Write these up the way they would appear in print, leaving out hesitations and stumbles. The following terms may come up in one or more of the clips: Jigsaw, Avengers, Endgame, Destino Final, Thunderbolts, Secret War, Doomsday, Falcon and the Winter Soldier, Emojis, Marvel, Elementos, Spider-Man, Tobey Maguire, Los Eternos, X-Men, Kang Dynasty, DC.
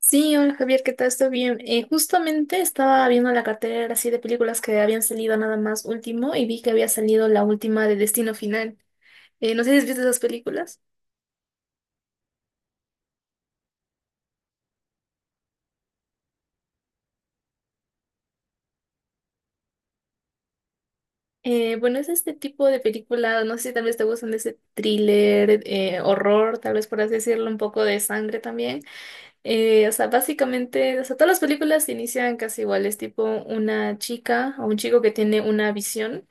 Sí, hola Javier, ¿qué tal? Estoy bien. Justamente estaba viendo la cartera así de películas que habían salido nada más último y vi que había salido la última de Destino Final. No sé si has visto esas películas. Bueno, es este tipo de película, no sé si tal vez te gustan de ese thriller, horror, tal vez por así decirlo, un poco de sangre también. O sea, básicamente, o sea, todas las películas inician casi iguales, tipo una chica o un chico que tiene una visión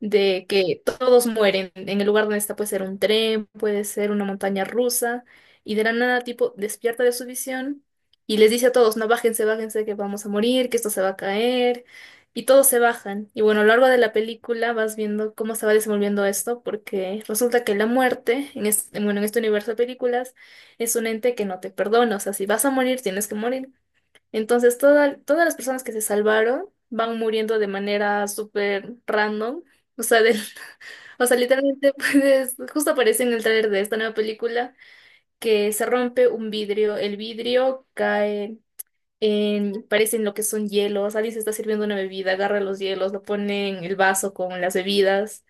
de que todos mueren. En el lugar donde está puede ser un tren, puede ser una montaña rusa, y de la nada tipo despierta de su visión y les dice a todos, no, bájense, bájense, que vamos a morir, que esto se va a caer, y todos se bajan. Y bueno, a lo largo de la película vas viendo cómo se va desenvolviendo esto, porque resulta que la muerte, en este, bueno, en este universo de películas, es un ente que no te perdona, o sea, si vas a morir, tienes que morir. Entonces, todas las personas que se salvaron van muriendo de manera súper random. O sea, de- o sea, literalmente, pues justo apareció en el tráiler de esta nueva película que se rompe un vidrio. El vidrio cae en, parecen lo que son hielos. Alguien se está sirviendo una bebida, agarra los hielos, lo pone en el vaso con las bebidas.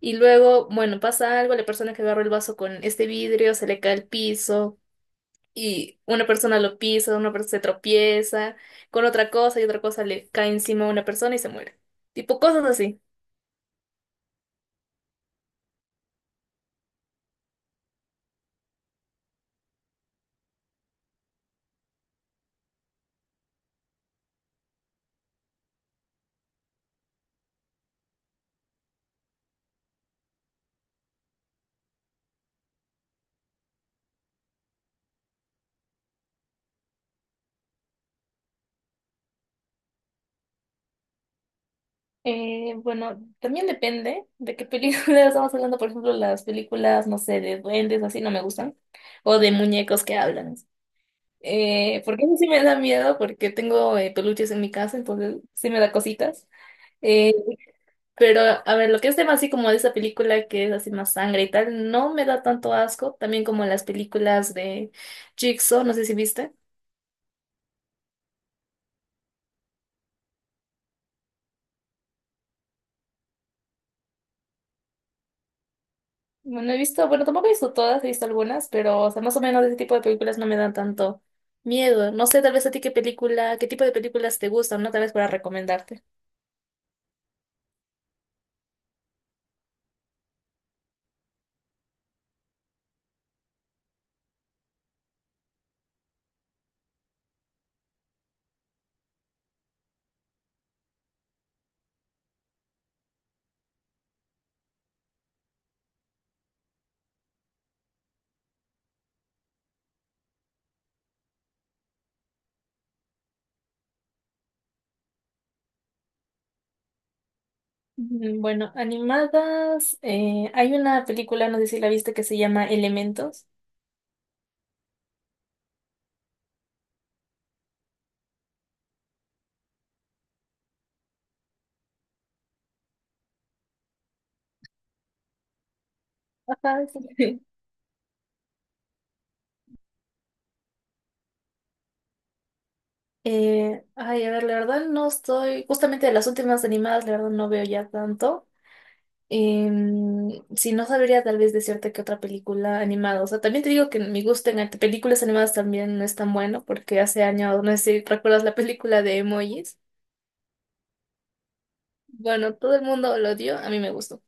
Y luego, bueno, pasa algo, la persona que agarró el vaso con este vidrio se le cae al piso y una persona lo pisa, una persona se tropieza con otra cosa y otra cosa le cae encima a una persona y se muere. Tipo cosas así. Bueno, también depende de qué película estamos hablando. Por ejemplo, las películas, no sé, de duendes, así no me gustan. O de muñecos que hablan. Porque a mí sí me da miedo, porque tengo peluches en mi casa, entonces sí me da cositas. Eh, Pero, a ver, lo que es tema así como de esa película que es así más sangre y tal, no me da tanto asco. También como las películas de Jigsaw, no sé si viste. Bueno, he visto, bueno, tampoco he visto todas, he visto algunas, pero, o sea, más o menos ese tipo de películas no me dan tanto miedo. No sé, tal vez a ti qué película, qué tipo de películas te gustan, ¿no? Tal vez para recomendarte. Mm, bueno, animadas, hay una película, no sé si la viste, que se llama Elementos. Ajá, sí. Ay, a ver, la verdad no estoy, justamente de las últimas animadas, la verdad no veo ya tanto. Em, si no sabría tal vez decirte que otra película animada. O sea, también te digo que mi gusto en películas animadas también no es tan bueno, porque hace años, no sé si recuerdas la película de Emojis. Bueno, todo el mundo lo odió, a mí me gustó.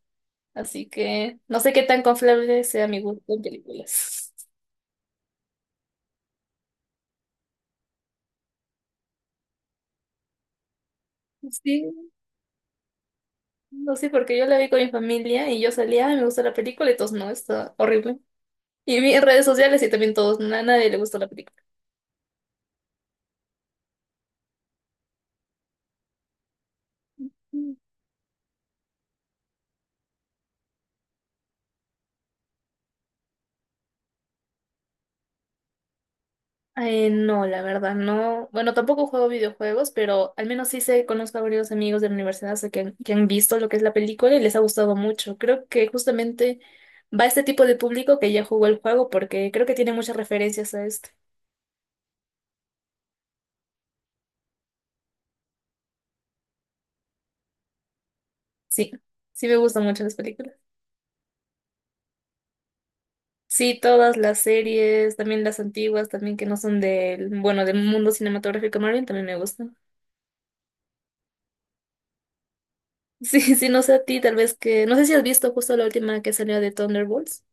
Así que no sé qué tan confiable sea mi gusto en películas. Sí, no sé, porque yo la vi con mi familia y yo salía, "Ay, me gusta la película", y todos no, está horrible. Y vi en redes sociales y también todos, a nadie le gustó la película. No, la verdad, no. Bueno, tampoco juego videojuegos, pero al menos sí sé, conozco a varios amigos de la universidad, sé que han visto lo que es la película y les ha gustado mucho. Creo que justamente va este tipo de público que ya jugó el juego porque creo que tiene muchas referencias a este. Sí, sí me gustan mucho las películas. Sí, todas las series, también las antiguas, también que no son del, bueno, del mundo cinematográfico Marvel, también me gustan. Sí, sí, no sé a ti, tal vez que, no sé si has visto justo la última que salió de Thunderbolts.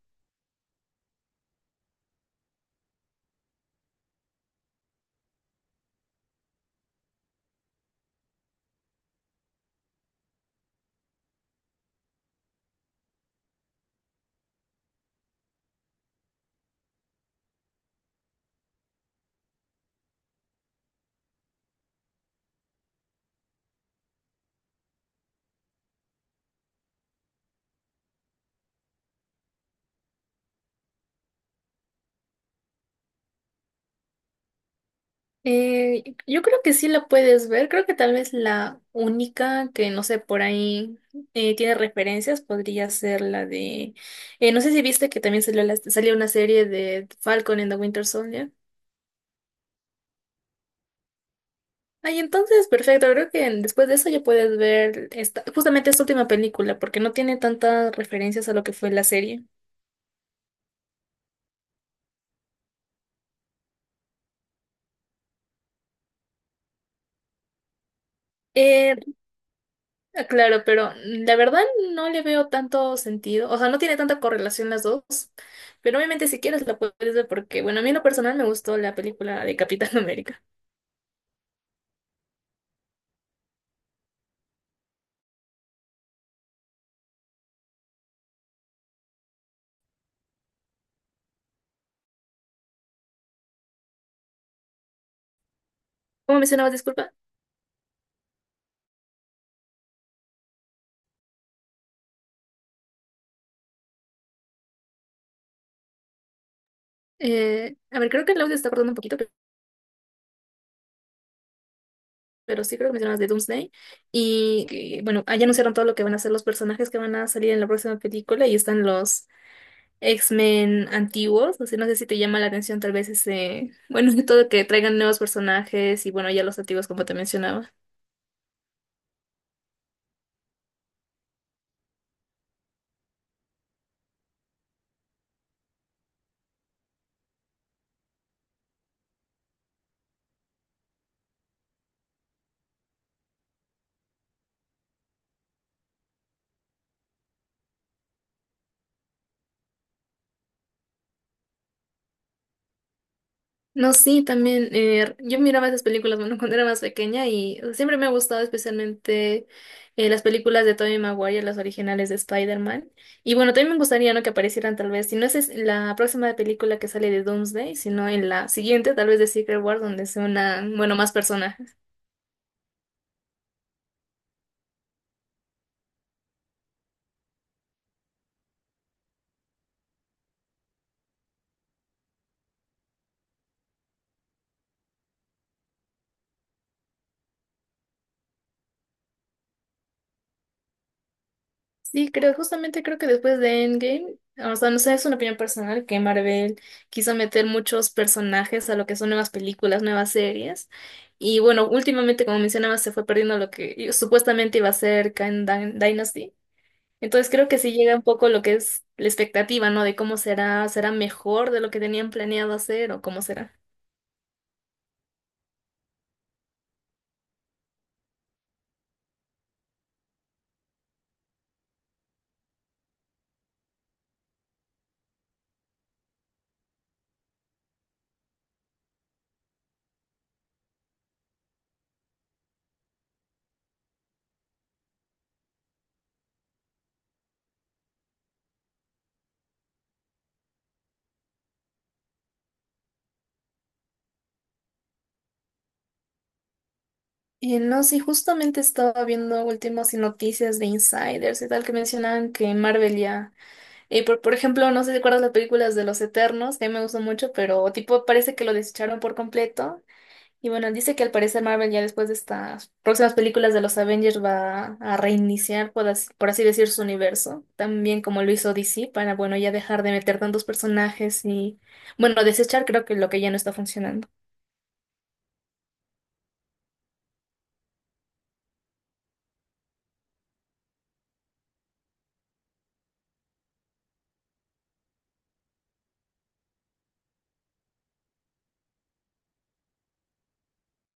Yo creo que sí la puedes ver, creo que tal vez la única que, no sé, por ahí tiene referencias podría ser la de, no sé si viste que también salió, salió una serie de Falcon and the Winter Soldier. Ay, entonces, perfecto, creo que después de eso ya puedes ver esta, justamente esta última película, porque no tiene tantas referencias a lo que fue la serie. Eh, Claro, pero la verdad no le veo tanto sentido, o sea, no tiene tanta correlación las dos, pero obviamente si quieres la puedes ver porque, bueno, a mí en lo personal me gustó la película de Capitán América. ¿Cómo mencionabas, disculpa? A ver, creo que el audio se está cortando un poquito, pero sí creo que mencionabas de Doomsday y, que, bueno, allá anunciaron todo lo que van a ser los personajes que van a salir en la próxima película y están los X-Men antiguos, así no sé si te llama la atención tal vez ese, bueno, todo que traigan nuevos personajes y, bueno, ya los antiguos como te mencionaba. No, sí, también. Yo miraba esas películas, bueno, cuando era más pequeña y siempre me ha gustado especialmente las películas de Tobey Maguire, las originales de Spider-Man. Y bueno, también me gustaría, ¿no? Que aparecieran tal vez, si no es es la próxima película que sale de Doomsday, sino en la siguiente, tal vez de Secret War, donde sea una, bueno, más personajes. Sí, creo, justamente creo que después de Endgame, o sea, no sé, es una opinión personal que Marvel quiso meter muchos personajes a lo que son nuevas películas, nuevas series. Y bueno, últimamente, como mencionabas se fue perdiendo lo que supuestamente iba a ser Kang Dynasty. Entonces creo que sí llega un poco lo que es la expectativa, ¿no? De cómo será, será mejor de lo que tenían planeado hacer o cómo será. Y no, sí, justamente estaba viendo últimas noticias de insiders y tal que mencionaban que Marvel ya. Y por ejemplo, no sé si recuerdas las películas de Los Eternos, que a mí me gustó mucho, pero tipo parece que lo desecharon por completo. Y bueno, dice que al parecer Marvel ya después de estas próximas películas de los Avengers va a reiniciar, por así decir, su universo, también como lo hizo DC, para bueno, ya dejar de meter tantos personajes y bueno, desechar creo que lo que ya no está funcionando.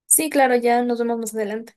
Sí, claro, ya nos vemos más adelante.